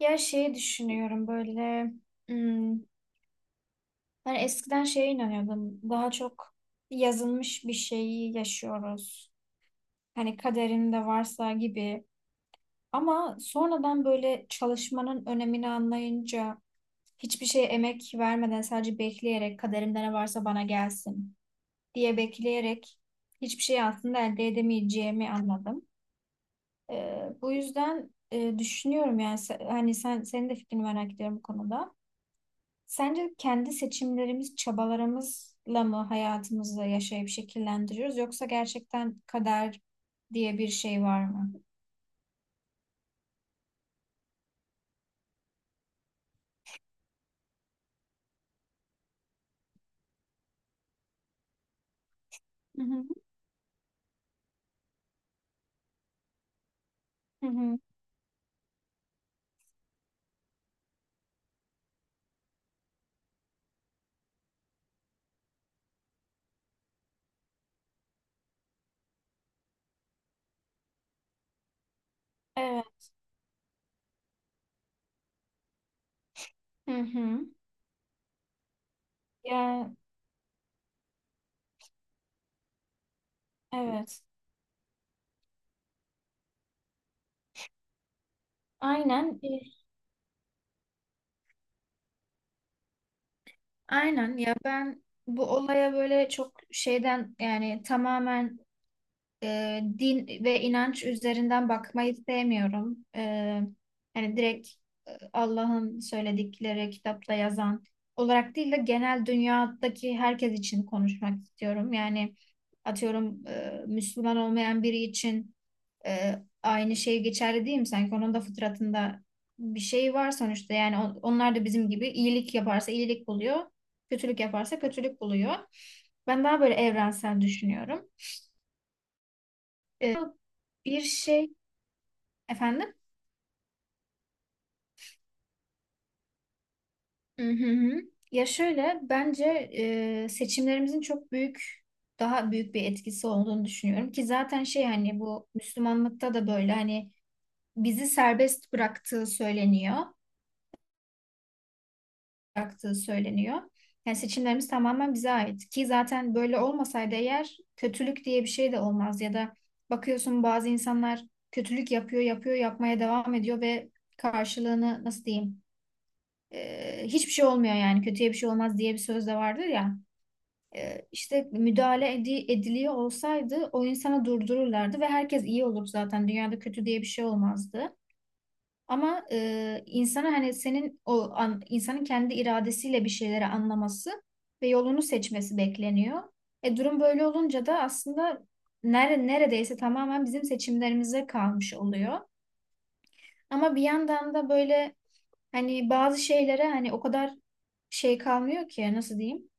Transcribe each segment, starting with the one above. Ya şeyi düşünüyorum böyle, hmm, hani eskiden şeye inanıyordum daha çok, yazılmış bir şeyi yaşıyoruz. Hani kaderinde varsa gibi, ama sonradan böyle çalışmanın önemini anlayınca hiçbir şeye emek vermeden sadece bekleyerek kaderimde ne varsa bana gelsin diye bekleyerek hiçbir şey aslında elde edemeyeceğimi anladım. Bu yüzden düşünüyorum yani hani senin de fikrini merak ediyorum bu konuda. Sence kendi seçimlerimiz, çabalarımızla mı hayatımızı yaşayıp şekillendiriyoruz yoksa gerçekten kader diye bir şey var mı? Hı hı. Hı hı. Evet. Hı hı. Ya, evet. Aynen. Aynen ya, ben bu olaya böyle çok şeyden, yani tamamen din ve inanç üzerinden bakmayı sevmiyorum. Yani direkt Allah'ın söyledikleri kitapta yazan olarak değil de genel dünyadaki herkes için konuşmak istiyorum. Yani atıyorum Müslüman olmayan biri için e, aynı şey geçerli değil mi? Sanki onun da fıtratında bir şey var sonuçta. Yani onlar da bizim gibi iyilik yaparsa iyilik buluyor, kötülük yaparsa kötülük buluyor. Ben daha böyle evrensel düşünüyorum. E, Bir şey efendim. Hı hı hı. Ya şöyle bence seçimlerimizin çok büyük, daha büyük bir etkisi olduğunu düşünüyorum ki zaten şey hani bu Müslümanlıkta da böyle, hani bizi serbest bıraktığı söyleniyor, bıraktığı söyleniyor. Yani seçimlerimiz tamamen bize ait ki zaten böyle olmasaydı eğer kötülük diye bir şey de olmaz, ya da bakıyorsun bazı insanlar kötülük yapıyor, yapıyor, yapmaya devam ediyor ve karşılığını nasıl diyeyim? Hiçbir şey olmuyor, yani kötüye bir şey olmaz diye bir söz de vardır ya. İşte müdahale ediliyor olsaydı o insana durdururlardı ve herkes iyi olur, zaten dünyada kötü diye bir şey olmazdı. Ama insana hani senin o an, insanın kendi iradesiyle bir şeyleri anlaması ve yolunu seçmesi bekleniyor. Durum böyle olunca da aslında neredeyse tamamen bizim seçimlerimize kalmış oluyor. Ama bir yandan da böyle, hani bazı şeylere hani o kadar şey kalmıyor ki nasıl diyeyim?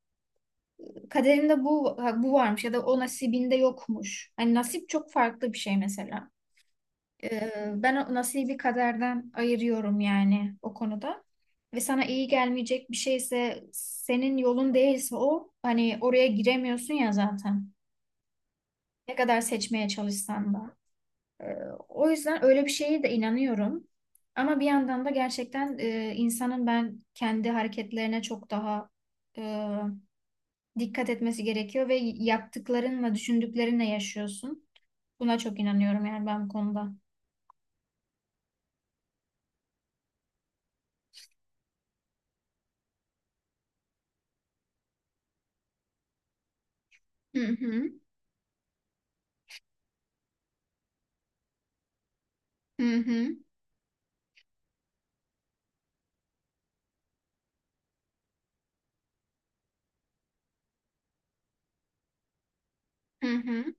Kaderinde bu varmış ya da o nasibinde yokmuş. Hani nasip çok farklı bir şey mesela. Ben o nasibi kaderden ayırıyorum yani o konuda. Ve sana iyi gelmeyecek bir şeyse, senin yolun değilse o hani oraya giremiyorsun ya zaten. Ne kadar seçmeye çalışsan da. Ee, O yüzden öyle bir şeye de inanıyorum. Ama bir yandan da gerçekten insanın ben kendi hareketlerine çok daha e, dikkat etmesi gerekiyor ve yaptıklarınla, düşündüklerinle yaşıyorsun. Buna çok inanıyorum yani ben bu konuda. Hı hı, hı hı, hı hı,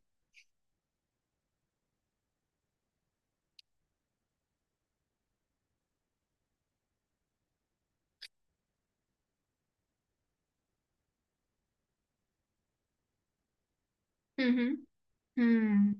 hı hı. Hmm.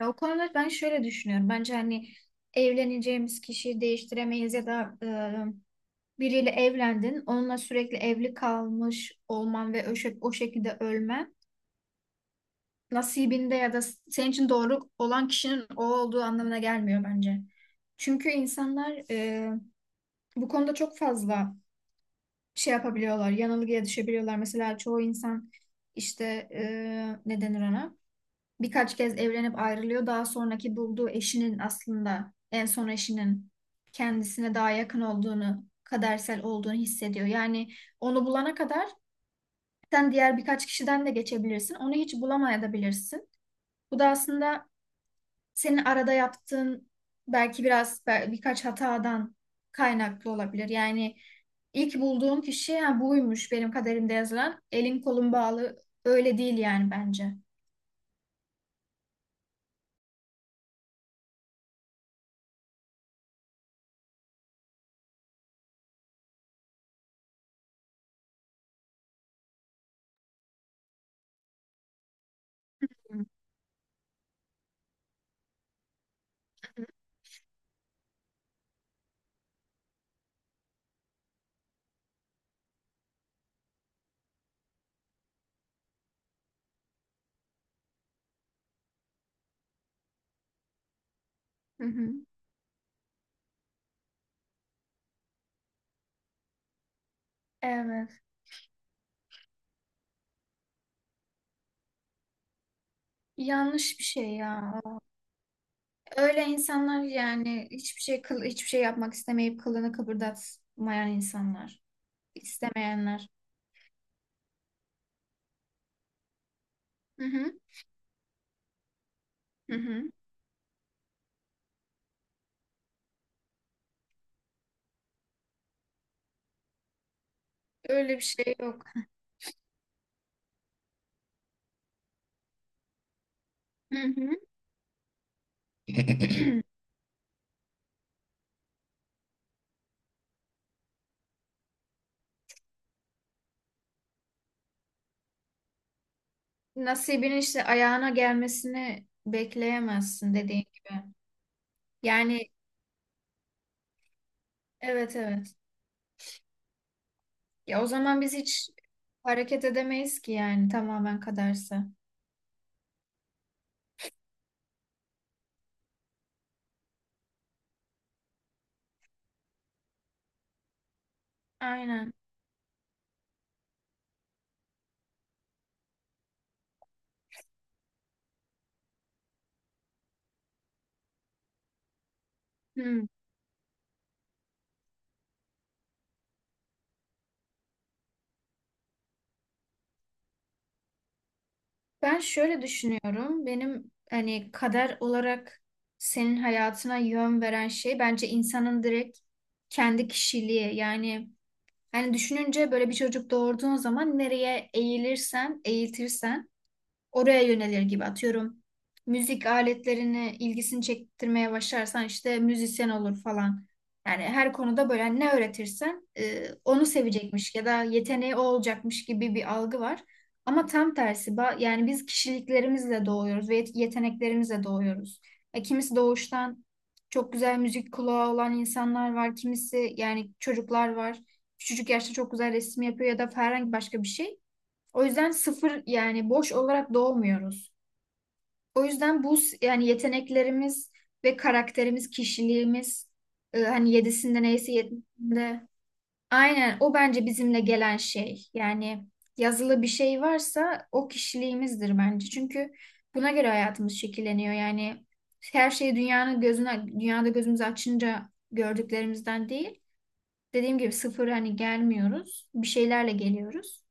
Ya, o konuda ben şöyle düşünüyorum. Bence hani evleneceğimiz kişiyi değiştiremeyiz ya da biriyle evlendin, onunla sürekli evli kalmış olman ve o şekilde ölmen nasibinde ya da senin için doğru olan kişinin o olduğu anlamına gelmiyor bence. Çünkü insanlar bu konuda çok fazla şey yapabiliyorlar, yanılgıya düşebiliyorlar. Mesela çoğu insan işte ne denir ona? Birkaç kez evlenip ayrılıyor. Daha sonraki bulduğu eşinin, aslında en son eşinin kendisine daha yakın olduğunu, kadersel olduğunu hissediyor. Yani onu bulana kadar sen diğer birkaç kişiden de geçebilirsin. Onu hiç bulamayabilirsin. Bu da aslında senin arada yaptığın belki biraz birkaç hatadan kaynaklı olabilir. Yani ilk bulduğun kişi ha, buymuş benim kaderimde yazılan. Elin kolun bağlı öyle değil yani bence. Hı hı. Evet. Yanlış bir şey ya. Öyle insanlar, yani hiçbir şey hiçbir şey yapmak istemeyip kılını kıpırdatmayan insanlar. İstemeyenler. Hı hı. Hı hı. Öyle bir şey yok. Hı hı. Nasibinin işte ayağına gelmesini bekleyemezsin, dediğin gibi. Yani, evet, evet. Ya, o zaman biz hiç hareket edemeyiz ki yani tamamen kaderse. Aynen. Hmm. Ben şöyle düşünüyorum. Benim hani kader olarak senin hayatına yön veren şey bence insanın direkt kendi kişiliği. Yani hani düşününce böyle bir çocuk doğurduğun zaman nereye eğilirsen, eğitirsen oraya yönelir gibi, atıyorum. Müzik aletlerini ilgisini çektirmeye başlarsan işte müzisyen olur falan. Yani her konuda böyle, hani ne öğretirsen onu sevecekmiş ya da yeteneği o olacakmış gibi bir algı var. Ama tam tersi yani biz kişiliklerimizle doğuyoruz ve yeteneklerimizle doğuyoruz. Kimisi doğuştan çok güzel müzik kulağı olan insanlar var. Kimisi yani çocuklar var. Küçücük yaşta çok güzel resim yapıyor ya da herhangi başka bir şey. O yüzden sıfır, yani boş olarak doğmuyoruz. O yüzden bu yani yeteneklerimiz ve karakterimiz, kişiliğimiz hani yedisinde neyse yedisinde, aynen o bence bizimle gelen şey. Yani yazılı bir şey varsa o kişiliğimizdir bence. Çünkü buna göre hayatımız şekilleniyor. Yani her şeyi dünyanın gözüne, dünyada gözümüzü açınca gördüklerimizden değil. Dediğim gibi sıfır hani gelmiyoruz. Bir şeylerle geliyoruz.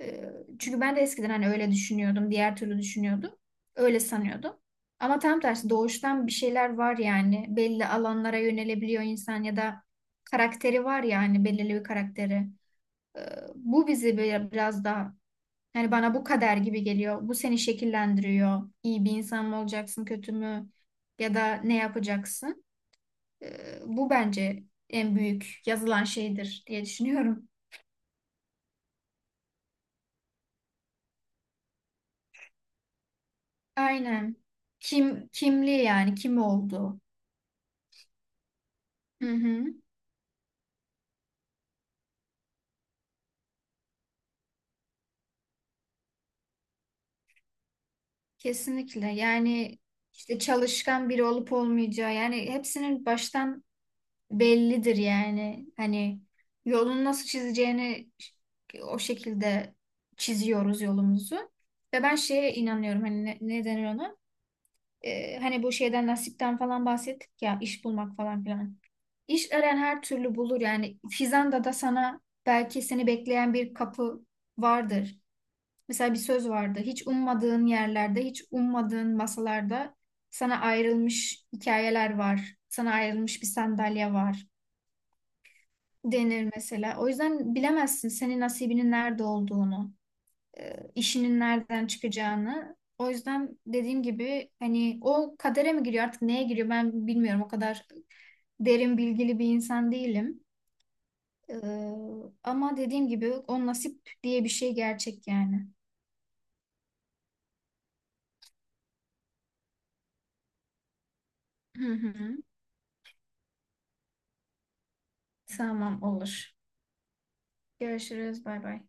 Ee, Çünkü ben de eskiden hani öyle düşünüyordum, diğer türlü düşünüyordum. Öyle sanıyordum. Ama tam tersi doğuştan bir şeyler var yani. Belli alanlara yönelebiliyor insan ya da karakteri var yani, belirli bir karakteri. Ee, Bu bizi biraz daha, yani bana bu kader gibi geliyor. Bu seni şekillendiriyor. İyi bir insan mı olacaksın, kötü mü, ya da ne yapacaksın? Bu bence en büyük yazılan şeydir diye düşünüyorum. Aynen. Kim kimliği yani kim oldu? Hı hı. Kesinlikle. Yani işte çalışkan biri olup olmayacağı, yani hepsinin baştan bellidir yani. Hani yolunu nasıl çizeceğini o şekilde çiziyoruz yolumuzu. Ve ben şeye inanıyorum hani ne denir ona? Hani bu şeyden nasipten falan bahsettik ya, iş bulmak falan filan. İş arayan her türlü bulur yani. Fizan'da da sana belki seni bekleyen bir kapı vardır. Mesela bir söz vardı. Hiç ummadığın yerlerde, hiç ummadığın masalarda sana ayrılmış hikayeler var. Sana ayrılmış bir sandalye var, denir mesela. O yüzden bilemezsin senin nasibinin nerede olduğunu, işinin nereden çıkacağını. O yüzden dediğim gibi hani o kadere mi giriyor artık neye giriyor ben bilmiyorum. O kadar derin bilgili bir insan değilim. E, Ama dediğim gibi o nasip diye bir şey gerçek yani. Hı hı. Tamam, olur. Görüşürüz. Bay bay.